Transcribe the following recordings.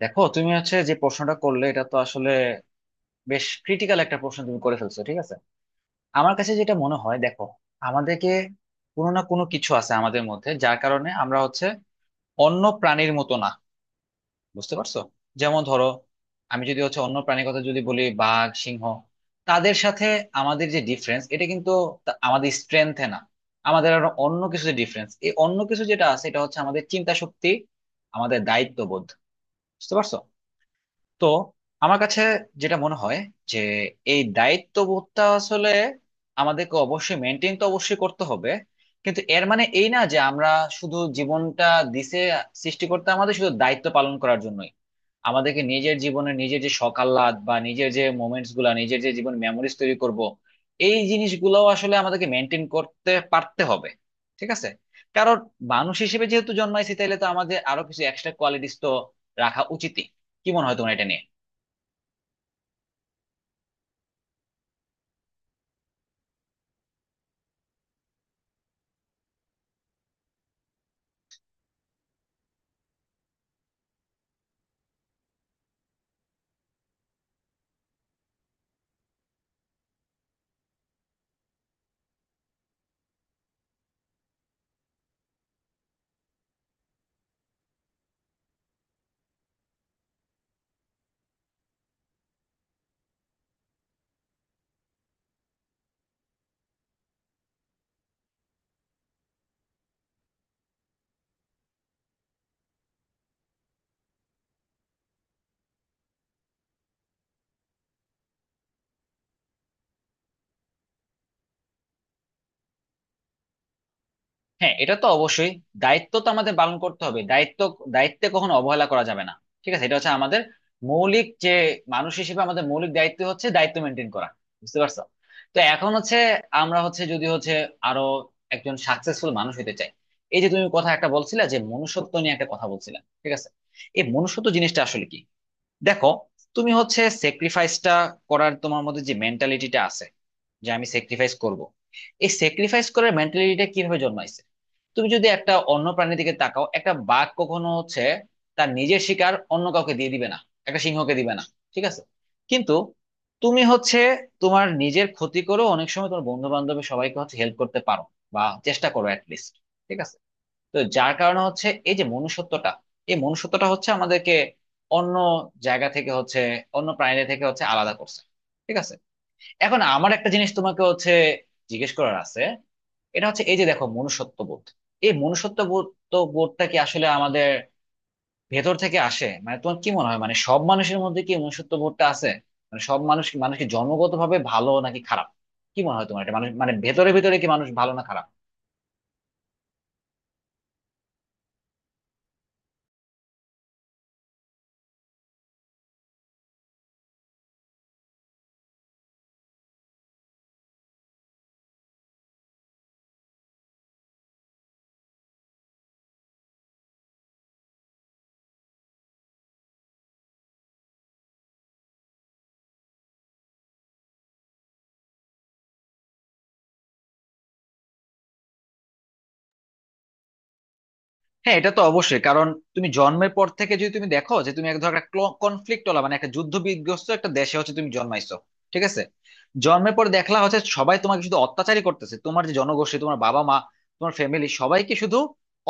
দেখো, তুমি যে প্রশ্নটা করলে, এটা তো আসলে বেশ ক্রিটিক্যাল একটা প্রশ্ন তুমি করে ফেলছো। ঠিক আছে, আমার কাছে যেটা মনে হয়, দেখো, আমাদেরকে কোনো না কোনো কিছু আছে আমাদের মধ্যে, যার কারণে আমরা অন্য প্রাণীর মতো না। বুঝতে পারছো? যেমন ধরো, আমি যদি অন্য প্রাণীর কথা যদি বলি, বাঘ, সিংহ, তাদের সাথে আমাদের যে ডিফারেন্স, এটা কিন্তু আমাদের স্ট্রেংথে না, আমাদের আরো অন্য কিছু যে ডিফারেন্স, এই অন্য কিছু যেটা আছে এটা হচ্ছে আমাদের চিন্তা শক্তি, আমাদের দায়িত্ববোধ। বুঝতে পারছো? তো আমার কাছে যেটা মনে হয় যে এই দায়িত্ববোধটা আসলে আমাদেরকে অবশ্যই মেনটেন তো অবশ্যই করতে হবে, কিন্তু এর মানে এই না যে আমরা শুধু জীবনটা দিছে সৃষ্টিকর্তা আমাদের শুধু দায়িত্ব পালন করার জন্যই। আমাদেহ্কে নিজের জীবনে নিজের যে শখ আহ্লাদ, বা নিজের যে মোমেন্টস গুলা, নিজের যে জীবন মেমোরিজ তৈরি করব, এই জিনিসগুলো আসলে আমাদেরকে মেনটেন করতে পারতে হবে। ঠিক আছে? কারণ মানুষ হিসেবে যেহেতু জন্মাইছি, তাহলে তো আমাদের আরো কিছু এক্সট্রা কোয়ালিটিস তো রাখা উচিত। কি মনে হয় তোমার এটা নিয়ে? হ্যাঁ, এটা তো অবশ্যই, দায়িত্ব তো আমাদের পালন করতে হবে। দায়িত্বে কখনো অবহেলা করা যাবে না। ঠিক আছে, এটা হচ্ছে আমাদের মৌলিক যে মানুষ হিসেবে আমাদের মৌলিক দায়িত্ব হচ্ছে দায়িত্ব মেনটেন করা। বুঝতে পারছো? তো এখন হচ্ছে, আমরা হচ্ছে যদি হচ্ছে আরো একজন সাকসেসফুল মানুষ হতে চাই। এই যে তুমি কথা একটা বলছিলে, যে মনুষ্যত্ব নিয়ে একটা কথা বলছিলে, ঠিক আছে, এই মনুষ্যত্ব জিনিসটা আসলে কি? দেখো, তুমি স্যাক্রিফাইসটা করার তোমার মধ্যে যে মেন্টালিটিটা আছে, যে আমি স্যাক্রিফাইস করব, এই স্যাক্রিফাইস করার মেন্টালিটিটা কিভাবে জন্মাইছে? তুমি যদি একটা অন্য প্রাণীর দিকে তাকাও, একটা বাঘ কখনো তার নিজের শিকার অন্য কাউকে দিয়ে দিবে না, একটা সিংহকে দিবে না। ঠিক আছে? কিন্তু তুমি তোমার নিজের ক্ষতি করো অনেক সময়, তোমার বন্ধু বান্ধবের সবাইকে হেল্প করতে পারো, বা চেষ্টা করো অ্যাটলিস্ট। ঠিক আছে? তো যার কারণে এই যে মনুষ্যত্বটা, এই মনুষ্যত্বটা আমাদেরকে অন্য জায়গা থেকে অন্য প্রাণীদের থেকে আলাদা করছে। ঠিক আছে? এখন আমার একটা জিনিস তোমাকে জিজ্ঞেস করার আছে। এটা হচ্ছে, এই যে দেখো মনুষ্যত্ববোধ, এই মনুষ্যত্ববোধ তো বোধটা কি আসলে আমাদের ভেতর থেকে আসে? মানে তোমার কি মনে হয়, মানে সব মানুষের মধ্যে কি মনুষ্যত্ববোধটা আছে? মানে সব মানুষকে জন্মগতভাবে ভালো নাকি খারাপ? কি মনে হয় তোমার এটা? মানুষ মানে ভেতরে ভেতরে কি মানুষ ভালো না খারাপ? হ্যাঁ, এটা তো অবশ্যই, কারণ তুমি জন্মের পর থেকে যদি তুমি দেখো যে তুমি এক ধর একটা কনফ্লিক্ট ওলা, মানে একটা যুদ্ধ বিধ্বস্ত একটা দেশে তুমি জন্মাইছো, ঠিক আছে, জন্মের পর দেখলা সবাই তোমাকে শুধু অত্যাচারই করতেছে, তোমার যে জনগোষ্ঠী, তোমার বাবা মা, তোমার ফ্যামিলি সবাইকে শুধু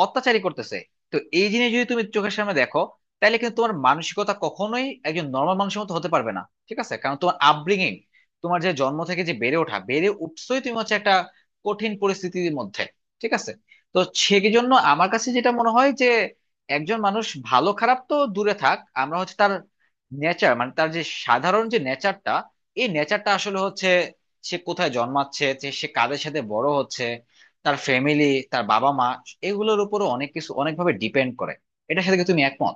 অত্যাচারই করতেছে, তো এই জিনিস যদি তুমি চোখের সামনে দেখো, তাহলে কিন্তু তোমার মানসিকতা কখনোই একজন নর্মাল মানুষের মতো হতে পারবে না। ঠিক আছে, কারণ তোমার আপব্রিঙিং, তোমার যে জন্ম থেকে যে বেড়ে উঠছোই তুমি একটা কঠিন পরিস্থিতির মধ্যে। ঠিক আছে? তো সেই জন্য আমার কাছে যেটা মনে হয় যে একজন মানুষ ভালো খারাপ তো দূরে থাক, আমরা তার নেচার, মানে তার যে সাধারণ যে নেচারটা, এই নেচারটা আসলে হচ্ছে সে কোথায় জন্মাচ্ছে, যে সে কাদের সাথে বড় হচ্ছে, তার ফ্যামিলি, তার বাবা মা, এগুলোর উপরও অনেক কিছু অনেকভাবে ডিপেন্ড করে। এটার সাথে কি তুমি একমত?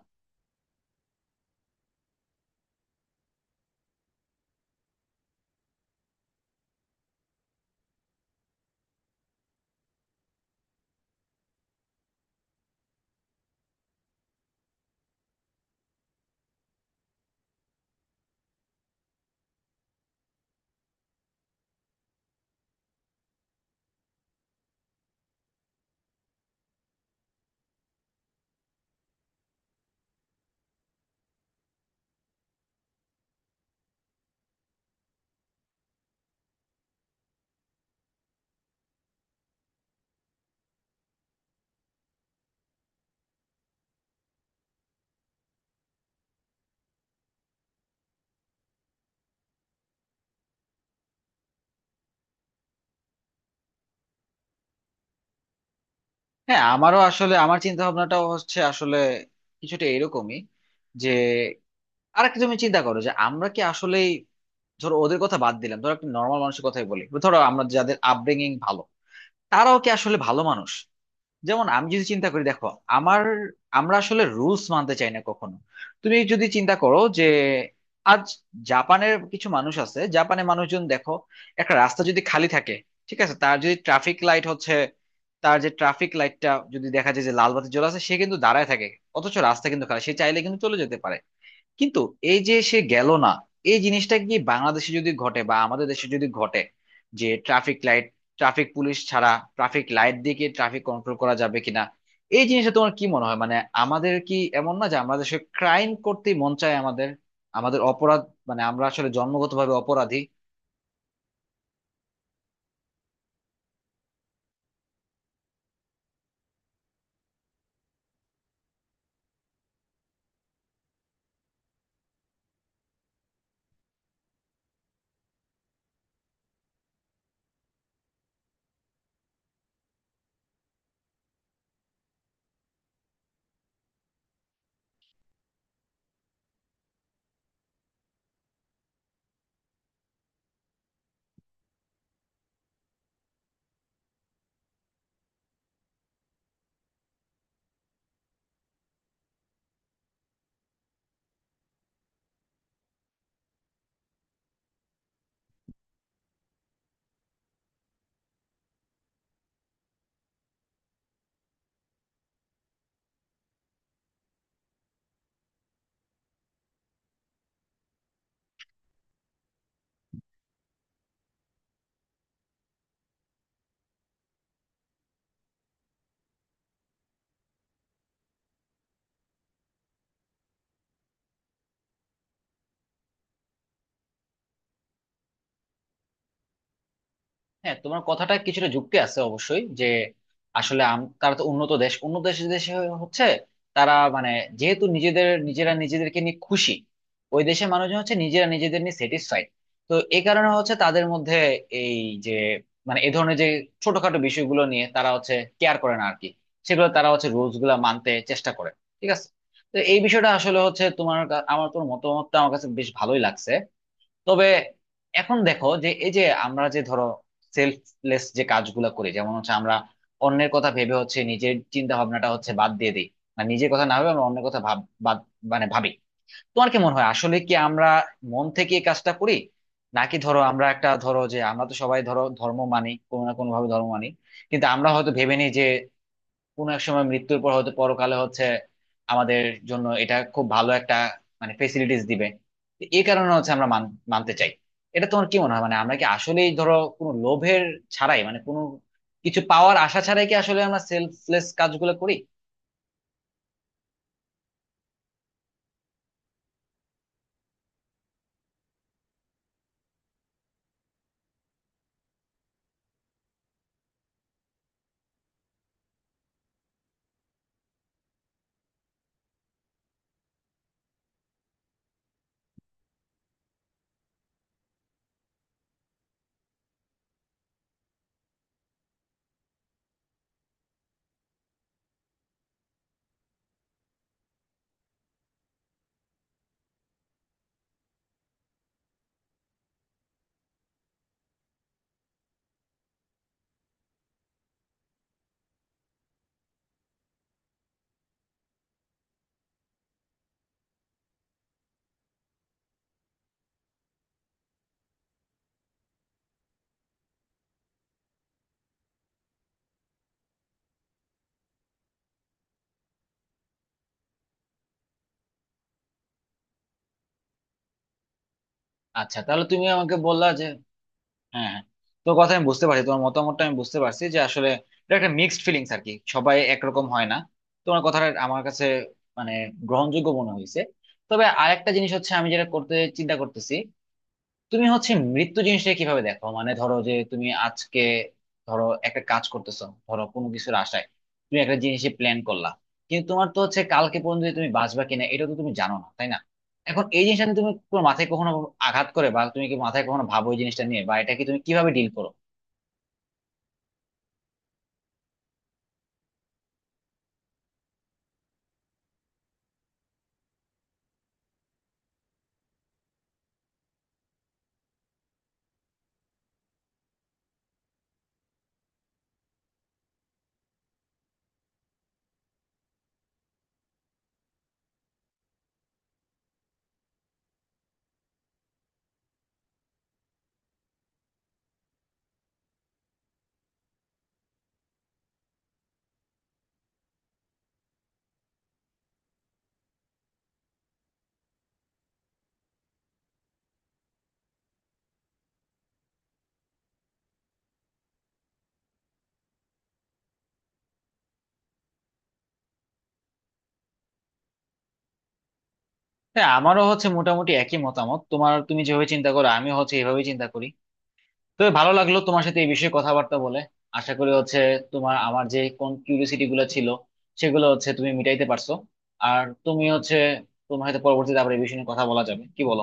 হ্যাঁ, আমারও আসলে আমার চিন্তা ভাবনাটাও হচ্ছে আসলে কিছুটা এরকমই, যে আরেকটা তুমি চিন্তা করো যে আমরা কি আসলেই, ধরো ওদের কথা বাদ দিলাম, ধরো একটা নর্মাল মানুষের কথাই বলি, ধরো আমরা যাদের আপব্রিঙ্গিং ভালো, তারাও কি আসলে ভালো মানুষ? যেমন আমি যদি চিন্তা করি, দেখো, আমার আমরা আসলে রুলস মানতে চাই না কখনো। তুমি যদি চিন্তা করো যে আজ জাপানের কিছু মানুষ আছে, জাপানের মানুষজন দেখো, একটা রাস্তা যদি খালি থাকে, ঠিক আছে, তার যদি ট্রাফিক লাইট তার যে ট্রাফিক লাইটটা যদি দেখা যায় যে লাল বাতি জ্বলা আছে, সে কিন্তু দাঁড়ায় থাকে, অথচ রাস্তা কিন্তু খালি, সে চাইলে কিন্তু চলে যেতে পারে, কিন্তু এই যে সে গেল না। এই জিনিসটা কি বাংলাদেশে যদি ঘটে, বা আমাদের দেশে যদি ঘটে, যে ট্রাফিক লাইট ট্রাফিক পুলিশ ছাড়া ট্রাফিক লাইট দিয়ে কি ট্রাফিক কন্ট্রোল করা যাবে কিনা? এই জিনিসটা তোমার কি মনে হয়? মানে আমাদের কি এমন না যে আমাদের দেশে ক্রাইম করতে মন চায়? আমাদের আমাদের অপরাধ মানে আমরা আসলে জন্মগতভাবে অপরাধী? হ্যাঁ, তোমার কথাটা কিছুটা যুক্তি আছে অবশ্যই, যে আসলে তারা তো উন্নত দেশ, উন্নত দেশে হচ্ছে তারা মানে যেহেতু নিজেদেরকে নিয়ে খুশি, ওই দেশের মানুষজন নিজেরা নিজেদের নিয়ে স্যাটিসফাইড। তো এই কারণে তাদের মধ্যে এই যে মানে এ ধরনের যে ছোটখাটো বিষয়গুলো নিয়ে তারা কেয়ার করে না আর কি, সেগুলো তারা রুলস গুলা মানতে চেষ্টা করে। ঠিক আছে, তো এই বিষয়টা আসলে হচ্ছে, আমার তোমার মতামতটা আমার কাছে বেশ ভালোই লাগছে। তবে এখন দেখো, যে এই যে আমরা যে ধরো সেলফলেস যে কাজগুলো করি, যেমন আমরা অন্যের কথা ভেবে নিজের চিন্তা ভাবনাটা বাদ দিয়ে দিই, মানে নিজের কথা না ভেবে আমরা অন্যের কথা ভাব বাদ মানে ভাবি। তোমার কি মনে হয় আসলে কি আমরা মন থেকে এই কাজটা করি? নাকি ধরো, আমরা তো সবাই ধরো ধর্ম মানি কোনো না কোনো ভাবে ধর্ম মানি, কিন্তু আমরা হয়তো ভেবে নিই যে কোনো এক সময় মৃত্যুর পর হয়তো পরকালে আমাদের জন্য এটা খুব ভালো একটা, মানে ফেসিলিটিস দিবে, তো এই কারণে আমরা মানতে চাই। এটা তোমার কি মনে হয়? মানে আমরা কি আসলেই ধরো কোনো লোভের ছাড়াই, মানে কোনো কিছু পাওয়ার আশা ছাড়াই কি আসলে আমরা সেলফলেস কাজগুলো করি? আচ্ছা, তাহলে তুমি আমাকে বললা যে, হ্যাঁ হ্যাঁ, তোর কথা আমি বুঝতে পারছি, তোমার মতামতটা আমি বুঝতে পারছি যে আসলে এটা একটা মিক্সড ফিলিংস আর কি, সবাই একরকম হয় না। তোমার কথাটা আমার কাছে মানে গ্রহণযোগ্য মনে হয়েছে। তবে আরেকটা জিনিস হচ্ছে আমি যেটা করতে চিন্তা করতেছি, তুমি মৃত্যু জিনিসটা কিভাবে দেখো? মানে ধরো যে তুমি আজকে ধরো একটা কাজ করতেছো, ধরো কোনো কিছুর আশায় তুমি একটা জিনিসে প্ল্যান করলা, কিন্তু তোমার তো কালকে পর্যন্ত যে তুমি বাঁচবা কিনা এটা তো তুমি জানো না, তাই না? এখন এই জিনিসটা নিয়ে তুমি তোমার মাথায় কখনো আঘাত করে, বা তুমি কি মাথায় কখনো ভাবো এই জিনিসটা নিয়ে, বা এটা কি তুমি কিভাবে ডিল করো? হ্যাঁ, আমারও মোটামুটি একই মতামত, তোমার তুমি যেভাবে চিন্তা করো আমি এভাবেই চিন্তা করি। তবে ভালো লাগলো তোমার সাথে এই বিষয়ে কথাবার্তা বলে। আশা করি তোমার আমার যে কোন কিউরিওসিটি গুলো ছিল, সেগুলো তুমি মিটাইতে পারছো। আর তুমি তোমার হয়তো পরবর্তীতে আবার এই বিষয়ে নিয়ে কথা বলা যাবে, কি বলো?